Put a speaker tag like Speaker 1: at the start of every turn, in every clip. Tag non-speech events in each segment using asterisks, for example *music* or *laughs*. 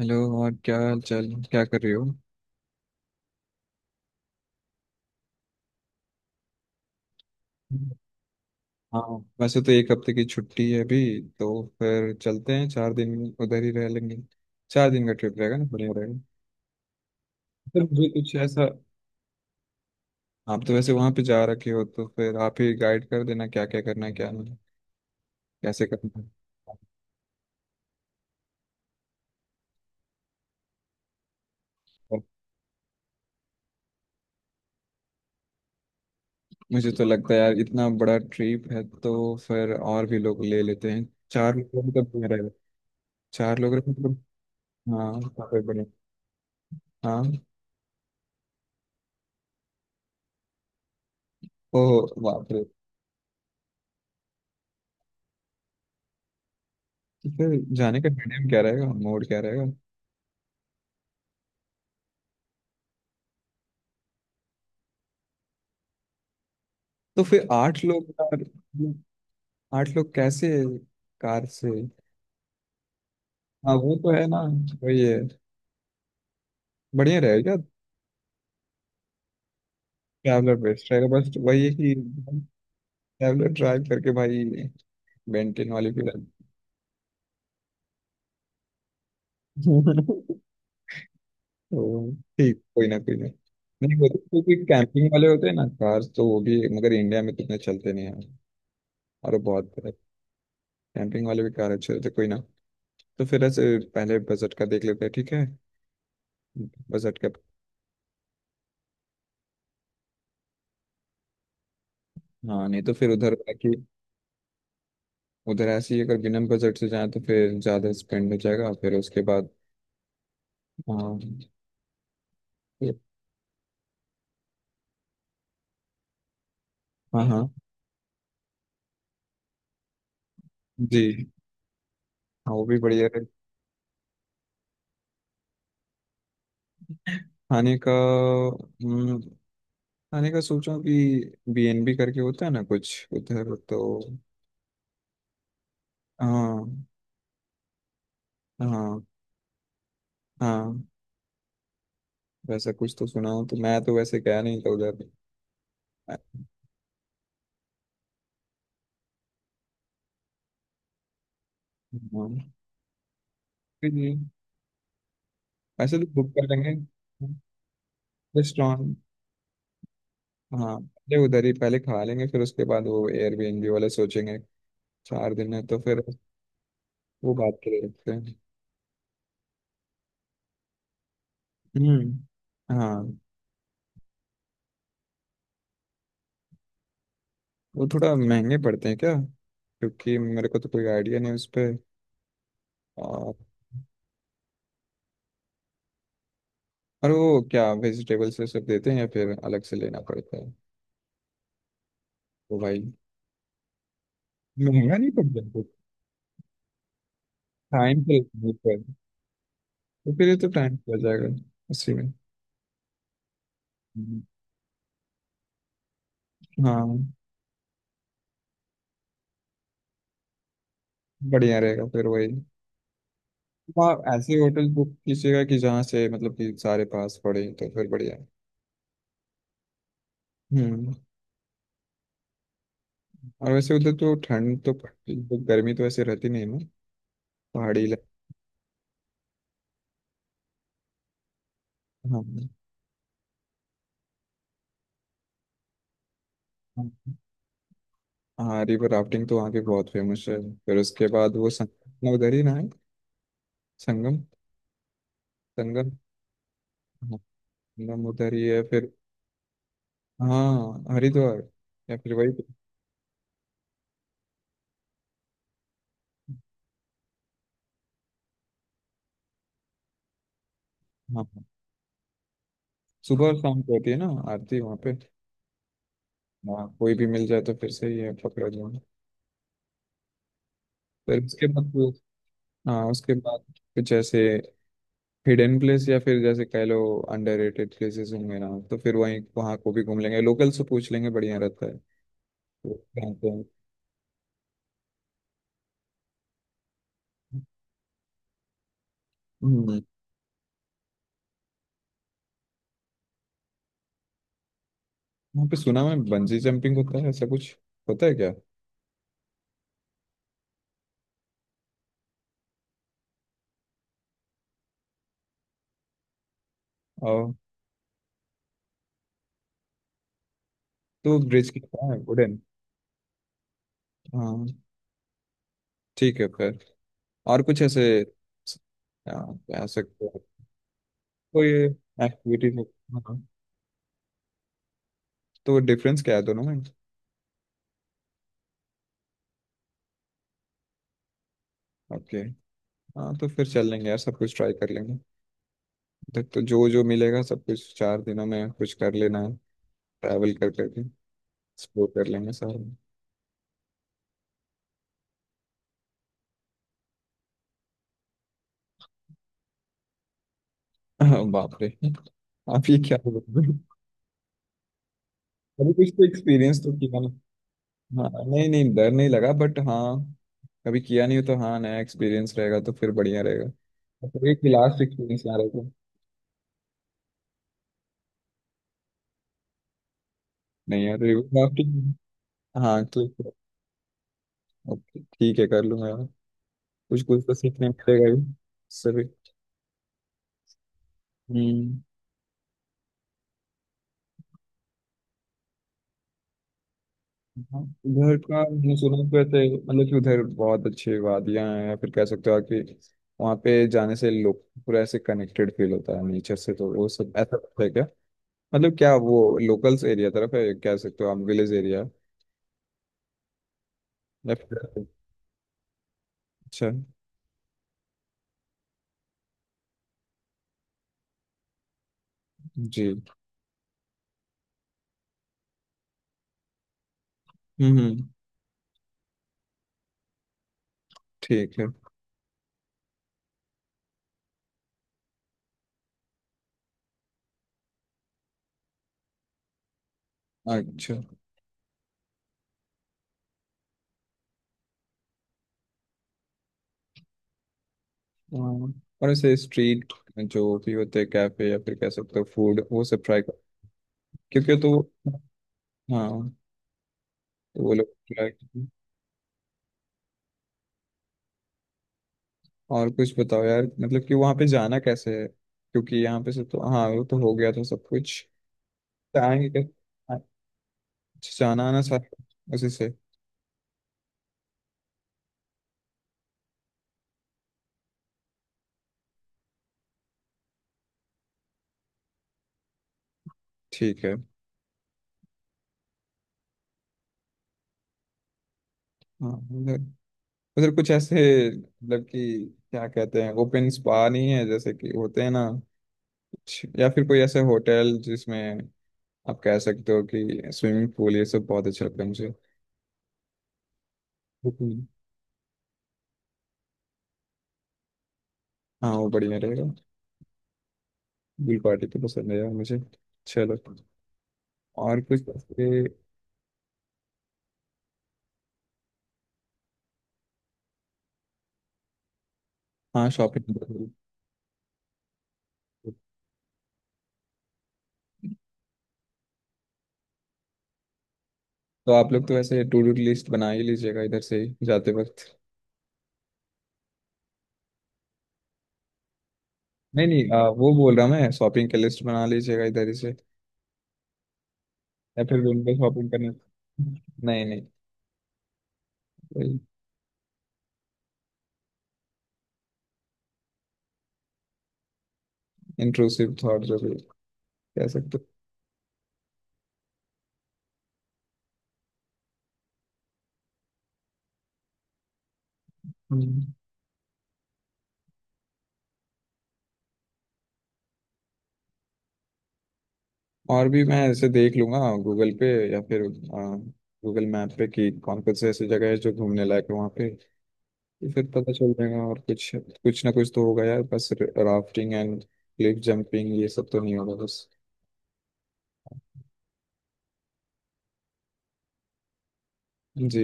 Speaker 1: Hello. और क्या हाल चाल, क्या कर रहे हो? हाँ। वैसे तो एक हफ्ते की छुट्टी है अभी, तो फिर चलते हैं 4 दिन, उधर ही रह लेंगे। 4 दिन का ट्रिप रहेगा ना, बढ़िया रहेगा। फिर मुझे कुछ ऐसा, आप तो वैसे वहाँ पे जा रखे हो तो फिर आप ही गाइड कर देना क्या क्या करना है क्या नहीं, कैसे करना है। और मुझे तो लगता है यार, इतना बड़ा ट्रिप है तो फिर और भी लोग ले लेते हैं। चार लोग का मतलब नहीं रहेगा, चार लोग रहेगा मतलब। हाँ, काफी बढ़िया। हाँ, ओह बाप रे। तो फिर जाने का मीडियम क्या रहेगा, मोड क्या रहेगा? तो फिर आठ लोग यार, आठ लोग कैसे? कार से? हाँ वो तो है ना, वही है, बढ़िया रहेगा। ट्रैवलर बेस्ट रहेगा, बस वही है कि ट्रैवलर ड्राइव करके भाई, बेंटिन वाली भी रहती। तो ठीक, कोई ना कोई ना। नहीं वो तो क्योंकि कैंपिंग वाले होते हैं ना, कार तो वो भी, मगर इंडिया में तो इतने चलते नहीं हैं, और वो बहुत। कैंपिंग वाले भी कार अच्छे होते हैं। कोई ना। तो फिर ऐसे पहले बजट का देख लेते हैं, ठीक है, बजट का। हाँ नहीं तो फिर उधर है कि उधर ऐसे ही अगर बिना बजट से जाए तो फिर ज़्यादा स्पेंड हो जाएगा फिर उसके बाद। हाँ। हाँ हाँ जी, हाँ वो भी बढ़िया है। खाने का हम्म, खाने का सोचा कि BNB करके होता है ना कुछ उधर तो। हाँ। हाँ हाँ। वैसा कुछ तो सुना हूँ, तो मैं तो वैसे गया नहीं था उधर। हाँ फिर ऐसे तो बुक कर लेंगे। रेस्टोरेंट, हाँ पहले उधर ही पहले खा लेंगे फिर उसके बाद वो एयरबीएनबी वाले सोचेंगे। 4 दिन है तो फिर वो बात के लिए रखते हैं। हम्म। हाँ वो थोड़ा महंगे पड़ते हैं क्या, क्योंकि मेरे को तो कोई आइडिया नहीं उस पर। और और वो क्या वेजिटेबल्स ये सब देते हैं या फिर अलग से लेना पड़ता है? वो भाई महंगा नहीं पड़ता है, टाइम पे नहीं पड़ता, तो फिर ये तो टाइम पे आ जाएगा उसी में। हम्म। हाँ बढ़िया रहेगा फिर वही। तो आप ऐसे होटल बुक कीजिएगा कि जहाँ से मतलब कि सारे पास पड़े, तो फिर बढ़िया है। हम्म। और वैसे उधर तो ठंड तो पड़ती है, तो गर्मी तो ऐसे रहती नहीं ना, पहाड़ी इलाका। हाँ हाँ। हाँ, रिवर राफ्टिंग तो वहाँ की बहुत फेमस है। फिर उसके बाद वो संगम उधर ही ना है, संगम। संगम। हाँ, संगम उधर ही है फिर। हाँ हरिद्वार, या फिर वही। हाँ हाँ। सुबह और शाम को होती है ना आरती वहाँ पे। हाँ कोई भी मिल जाए तो फिर सही है, पकड़ा जाए। फिर हाँ उसके बाद कुछ ऐसे हिडन प्लेस या फिर जैसे कह लो अंडररेटेड प्लेसेस होंगे ना, तो फिर वहीं वहाँ को भी घूम लेंगे, लोकल से पूछ लेंगे बढ़िया रहता है। तो वहाँ पे- हम्म, वहाँ पे सुना मैं बंजी जंपिंग होता है ऐसा कुछ, होता है क्या? और तो ब्रिज कितना है, वुडन? हाँ ठीक है फिर। और कुछ ऐसे क्या कह सकते हैं, कोई एक्टिविटी? हाँ तो डिफरेंस क्या है दोनों में? ओके। हाँ तो फिर चल लेंगे यार, सब कुछ ट्राई कर लेंगे। तो जो जो मिलेगा सब कुछ 4 दिनों में कुछ कर लेना है। ट्रैवल कर करके एक्सप्लोर कर लेंगे सारा। *laughs* बाप रे, आप ये क्या बोल रहे हो? कभी कुछ तो एक्सपीरियंस तो किया ना। हाँ नहीं नहीं, डर नहीं लगा बट हाँ, कभी किया नहीं हो तो हाँ नया एक्सपीरियंस रहेगा तो फिर बढ़िया रहेगा। और फिर एक लास्ट एक्सपीरियंस यहाँ रहेगा। नहीं यार, रिवर राफ्टिंग। हाँ क्लिक। ओके ठीक है, कर लूंगा यार। कुछ कुछ तो सीखने मिलेगा ही। सभी। हम्म। हाँ, उधर का मैंने सुना है कि वैसे मतलब कि उधर बहुत अच्छी वादियां हैं, या फिर कह सकते हो आप कि वहाँ पे जाने से लोग पूरा ऐसे कनेक्टेड फील होता है नेचर से, तो वो सब ऐसा कुछ है क्या? मतलब क्या वो लोकल्स एरिया तरफ है, कह सकते हो आप विलेज एरिया, या फिर? अच्छा। जी। हम्म हम्म, ठीक है। अच्छा। हाँ, और ऐसे स्ट्रीट जो भी होते हैं कैफे या फिर कह सकते हो फूड, वो सब ट्राई कर, क्योंकि तो। हाँ तो वो लोग ट्राई। और कुछ बताओ यार, मतलब कि वहां पे जाना कैसे है, क्योंकि यहाँ पे से तो, हाँ वो तो हो गया था सब कुछ। तो आएंगे कैसे? अच्छा, जाना आना सारा उसी से। ठीक है। हाँ उधर उधर कुछ ऐसे मतलब कि क्या कहते हैं, ओपन स्पा नहीं है जैसे कि होते हैं ना, कुछ, या फिर कोई ऐसे होटल जिसमें आप कह सकते हो कि स्विमिंग पूल, ये सब बहुत अच्छा लगता है मुझे। बिल्कुल। हाँ वो बढ़िया रहेगा। बिल पार्टी तो पसंद है यार मुझे। चलो, और कुछ ऐसे। हाँ शॉपिंग। तो आप लोग तो वैसे टू डू लिस्ट बना ही लीजिएगा इधर से ही जाते वक्त। नहीं नहीं, वो बोल रहा मैं शॉपिंग की लिस्ट बना लीजिएगा इधर ही से। या फिर रूम पे शॉपिंग करने। नहीं नहीं, इंट्रूसिव थॉट जो भी, कह सकते हो। हम्म। और भी मैं ऐसे देख लूंगा गूगल पे या फिर गूगल मैप पे कि कौन कौन से ऐसी जगह है जो घूमने लायक है वहाँ पे। ये फिर पता चल जाएगा, और कुछ कुछ ना कुछ तो होगा यार, बस राफ्टिंग एंड क्लिफ जंपिंग ये सब तो नहीं होगा बस। जी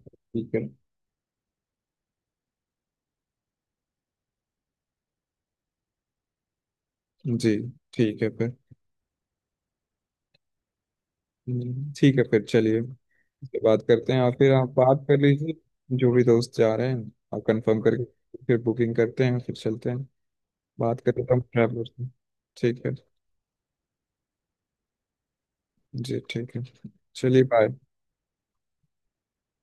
Speaker 1: ठीक है। जी ठीक है फिर। ठीक है, फिर चलिए। इसके बात करते हैं, और फिर आप बात कर लीजिए जो भी दोस्त जा रहे हैं। आप कंफर्म करके फिर बुकिंग करते हैं फिर चलते हैं। बात करते हैं हम ट्रैवलर से। ठीक है। जी ठीक है। चलिए, बाय।